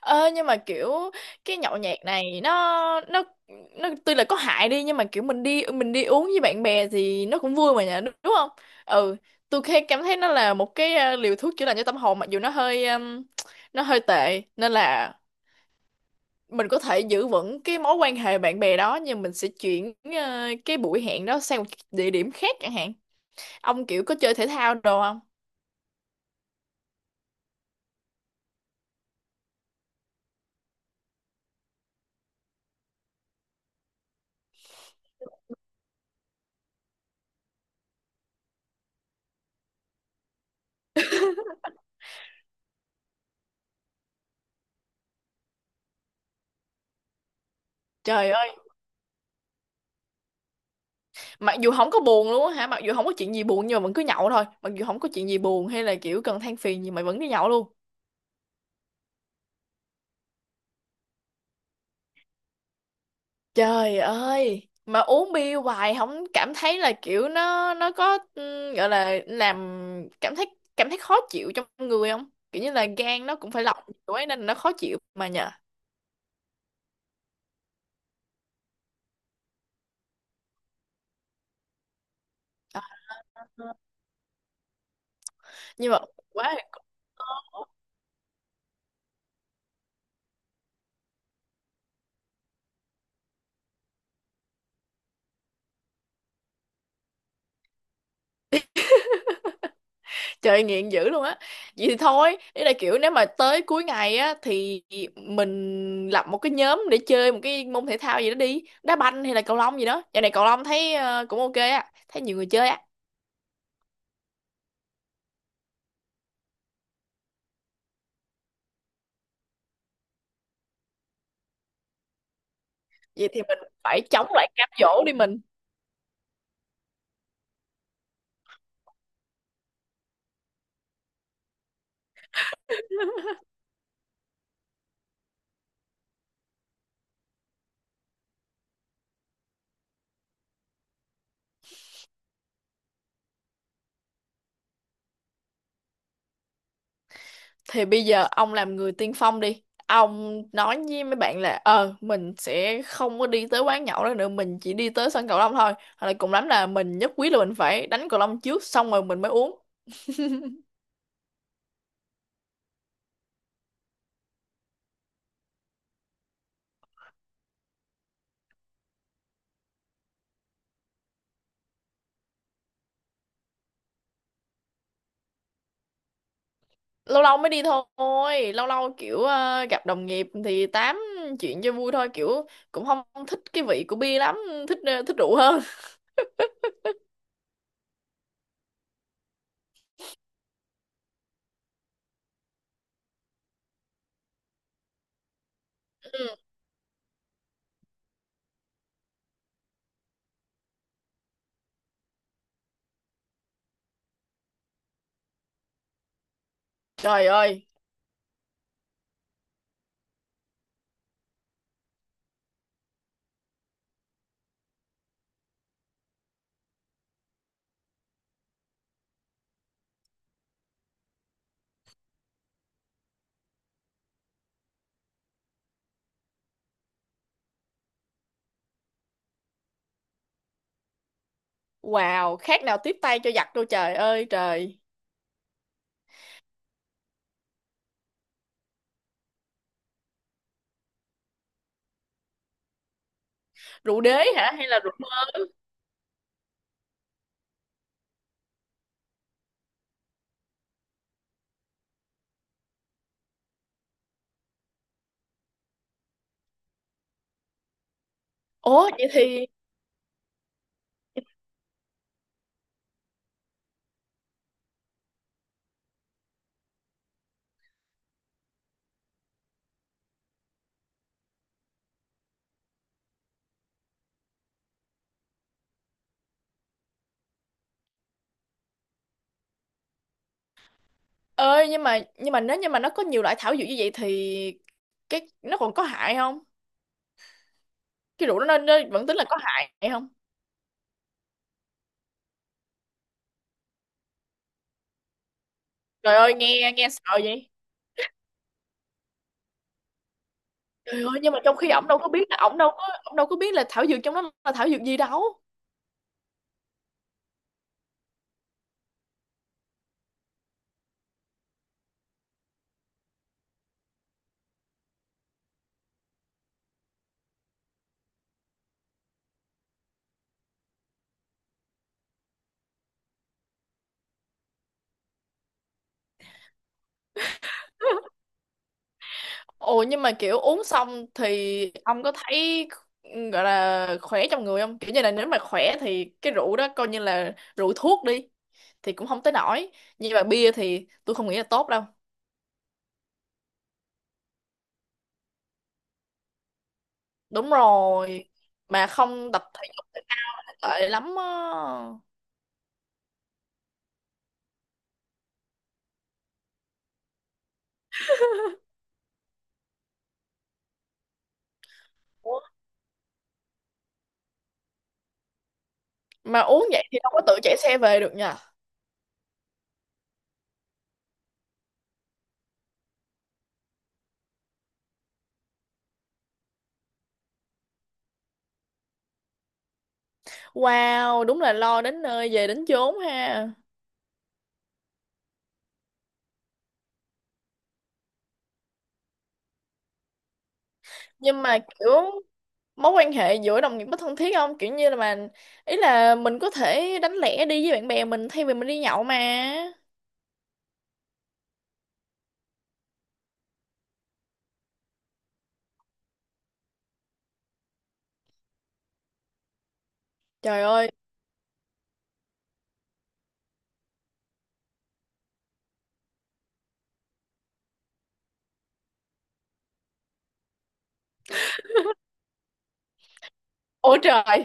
Ơ nhưng mà kiểu cái nhậu nhẹt này nó nó tuy là có hại đi nhưng mà kiểu mình đi uống với bạn bè thì nó cũng vui mà nhỉ, đúng đúng không? Ừ, tôi khi cảm thấy nó là một cái liều thuốc chữa lành cho tâm hồn, mặc dù nó hơi tệ, nên là mình có thể giữ vững cái mối quan hệ bạn bè đó, nhưng mình sẽ chuyển cái buổi hẹn đó sang một địa điểm khác chẳng hạn. Ông kiểu có chơi thể thao đồ không? Trời ơi, mặc dù không có buồn luôn á hả, mặc dù không có chuyện gì buồn nhưng mà vẫn cứ nhậu thôi, mặc dù không có chuyện gì buồn hay là kiểu cần than phiền gì mày vẫn đi nhậu luôn. Trời ơi, mà uống bia hoài không cảm thấy là kiểu nó có ừ, gọi là làm cảm thấy cảm thấy khó chịu trong người không, kiểu như là gan nó cũng phải lọc kiểu ấy nên là nó khó chịu mà nhờ. Nhưng mà quá. Trời nghiện dữ luôn á. Vậy thì thôi, ý là kiểu nếu mà tới cuối ngày á thì mình lập một cái nhóm để chơi một cái môn thể thao gì đó đi, đá banh hay là cầu lông gì đó. Giờ này cầu lông thấy cũng ok á, thấy nhiều người chơi á. Vậy thì mình phải chống lại cám dỗ đi mình. Thì bây giờ ông làm người tiên phong đi. Ông nói với mấy bạn là ờ, mình sẽ không có đi tới quán nhậu đó nữa, mình chỉ đi tới sân cầu lông thôi. Hoặc là cùng lắm là mình nhất quyết là mình phải đánh cầu lông trước xong rồi mình mới uống. Lâu lâu mới đi thôi, lâu lâu kiểu gặp đồng nghiệp thì tám chuyện cho vui thôi, kiểu cũng không thích cái vị của bia lắm, thích thích rượu hơn. Ừ. Trời ơi. Wow, khác nào tiếp tay cho giặc, đâu trời ơi trời. Rượu đế hả hay là rượu? Ủa vậy thì. Ơi, nhưng mà nếu như mà nó có nhiều loại thảo dược như vậy thì cái nó còn có hại không, cái rượu đó nó vẫn tính là có hại không? Trời ơi, nghe nghe sợ vậy. Trời ơi, nhưng mà trong khi ổng đâu có biết là thảo dược trong đó là thảo dược gì đâu. Ồ, nhưng mà kiểu uống xong thì ông có thấy gọi là khỏe trong người không? Kiểu như là nếu mà khỏe thì cái rượu đó coi như là rượu thuốc đi thì cũng không tới nổi. Nhưng mà bia thì tôi không nghĩ là tốt đâu. Đúng rồi. Mà không tập thể dục thì nó tệ lắm á. Ủa? Mà uống vậy thì đâu có tự chạy xe về được nha. Wow, đúng là lo đến nơi về đến chốn ha. Nhưng mà kiểu mối quan hệ giữa đồng nghiệp có thân thiết không, kiểu như là mà ý là mình có thể đánh lẻ đi với bạn bè mình thay vì mình đi nhậu mà. Trời ơi. Ôi trời.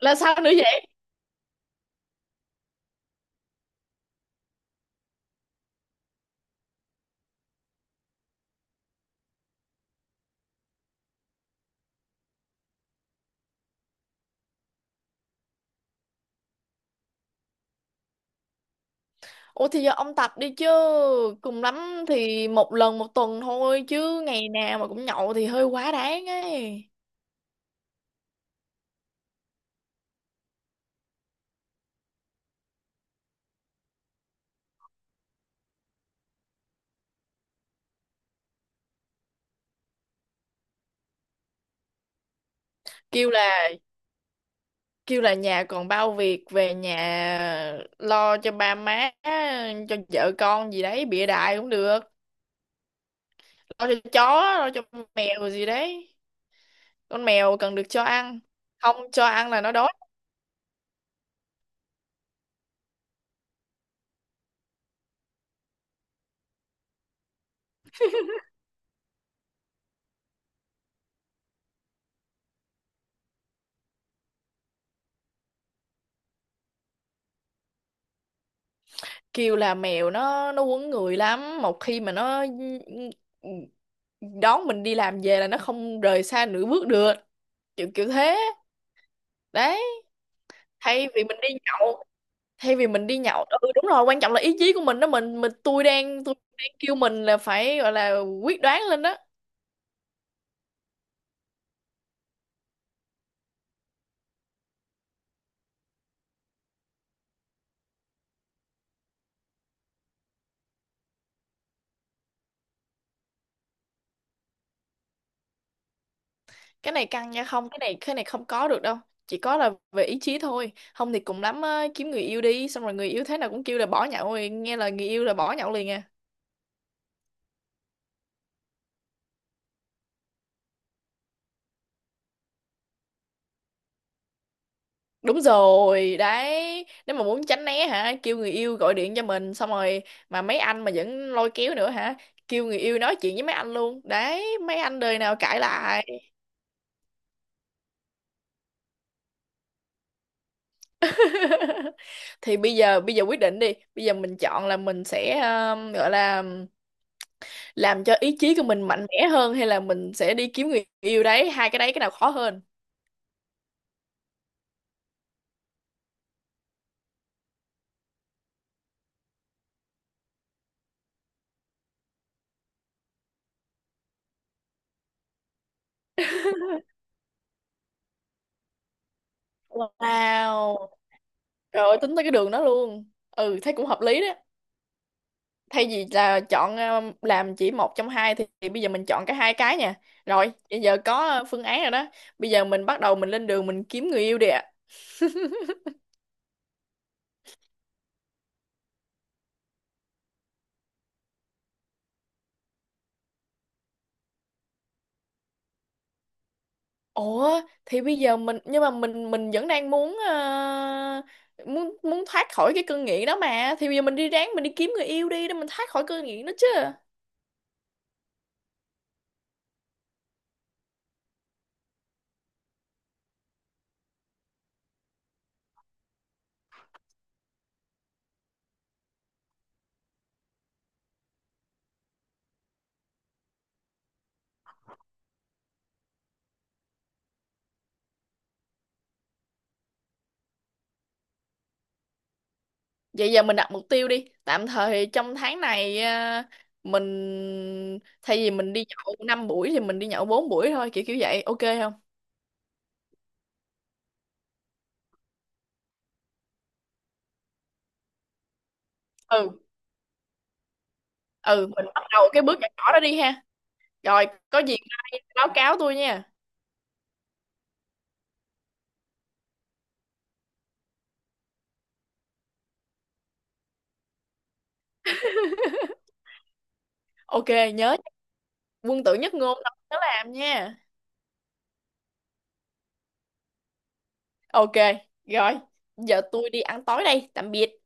Là sao nữa vậy? Ủa thì giờ ông tập đi chứ, cùng lắm thì một lần một tuần thôi chứ ngày nào mà cũng nhậu thì hơi quá đáng ấy. Kêu là, kêu là nhà còn bao việc, về nhà lo cho ba má, cho vợ con gì đấy, bịa đại cũng được. Lo cho chó, lo cho mèo gì đấy, con mèo cần được cho ăn, không cho ăn là nó đói. Kêu là mèo nó quấn người lắm, một khi mà nó đón mình đi làm về là nó không rời xa nửa bước được, kiểu kiểu thế đấy. Thay vì mình đi nhậu thay vì mình đi nhậu ừ đúng rồi, quan trọng là ý chí của mình đó, mình tôi đang kêu mình là phải gọi là quyết đoán lên đó. Cái này căng nha, không cái này không có được đâu. Chỉ có là về ý chí thôi, không thì cùng lắm á, kiếm người yêu đi, xong rồi người yêu thế nào cũng kêu là bỏ nhậu, rồi nghe lời người yêu là bỏ nhậu liền à. Đúng rồi đấy, nếu mà muốn tránh né hả, kêu người yêu gọi điện cho mình xong rồi mà mấy anh mà vẫn lôi kéo nữa hả, kêu người yêu nói chuyện với mấy anh luôn đấy, mấy anh đời nào cãi lại. Thì bây giờ quyết định đi, bây giờ mình chọn là mình sẽ gọi là làm cho ý chí của mình mạnh mẽ hơn, hay là mình sẽ đi kiếm người yêu đấy, hai cái đấy cái nào khó hơn? Wow. Rồi tính tới cái đường đó luôn. Ừ, thấy cũng hợp lý đó. Thay vì là chọn làm chỉ một trong hai thì bây giờ mình chọn cả hai cái nha. Rồi, bây giờ có phương án rồi đó. Bây giờ mình bắt đầu mình lên đường mình kiếm người yêu đi ạ. Ủa thì bây giờ mình, nhưng mà mình vẫn đang muốn muốn muốn thoát khỏi cái cơn nghiện đó mà. Thì bây giờ mình đi, ráng mình đi kiếm người yêu đi để mình thoát khỏi cơn nghiện đó chứ. Vậy giờ mình đặt mục tiêu đi. Tạm thời trong tháng này à, mình thay vì mình đi nhậu 5 buổi thì mình đi nhậu 4 buổi thôi, kiểu kiểu vậy. Ok không? Ừ, ừ, mình bắt đầu cái bước nhỏ nhỏ đó đi ha. Rồi, có gì mai báo cáo tôi nha. Ok, nhớ quân tử nhất ngôn đó, nhớ làm nha. Ok, rồi, giờ tôi đi ăn tối đây. Tạm biệt.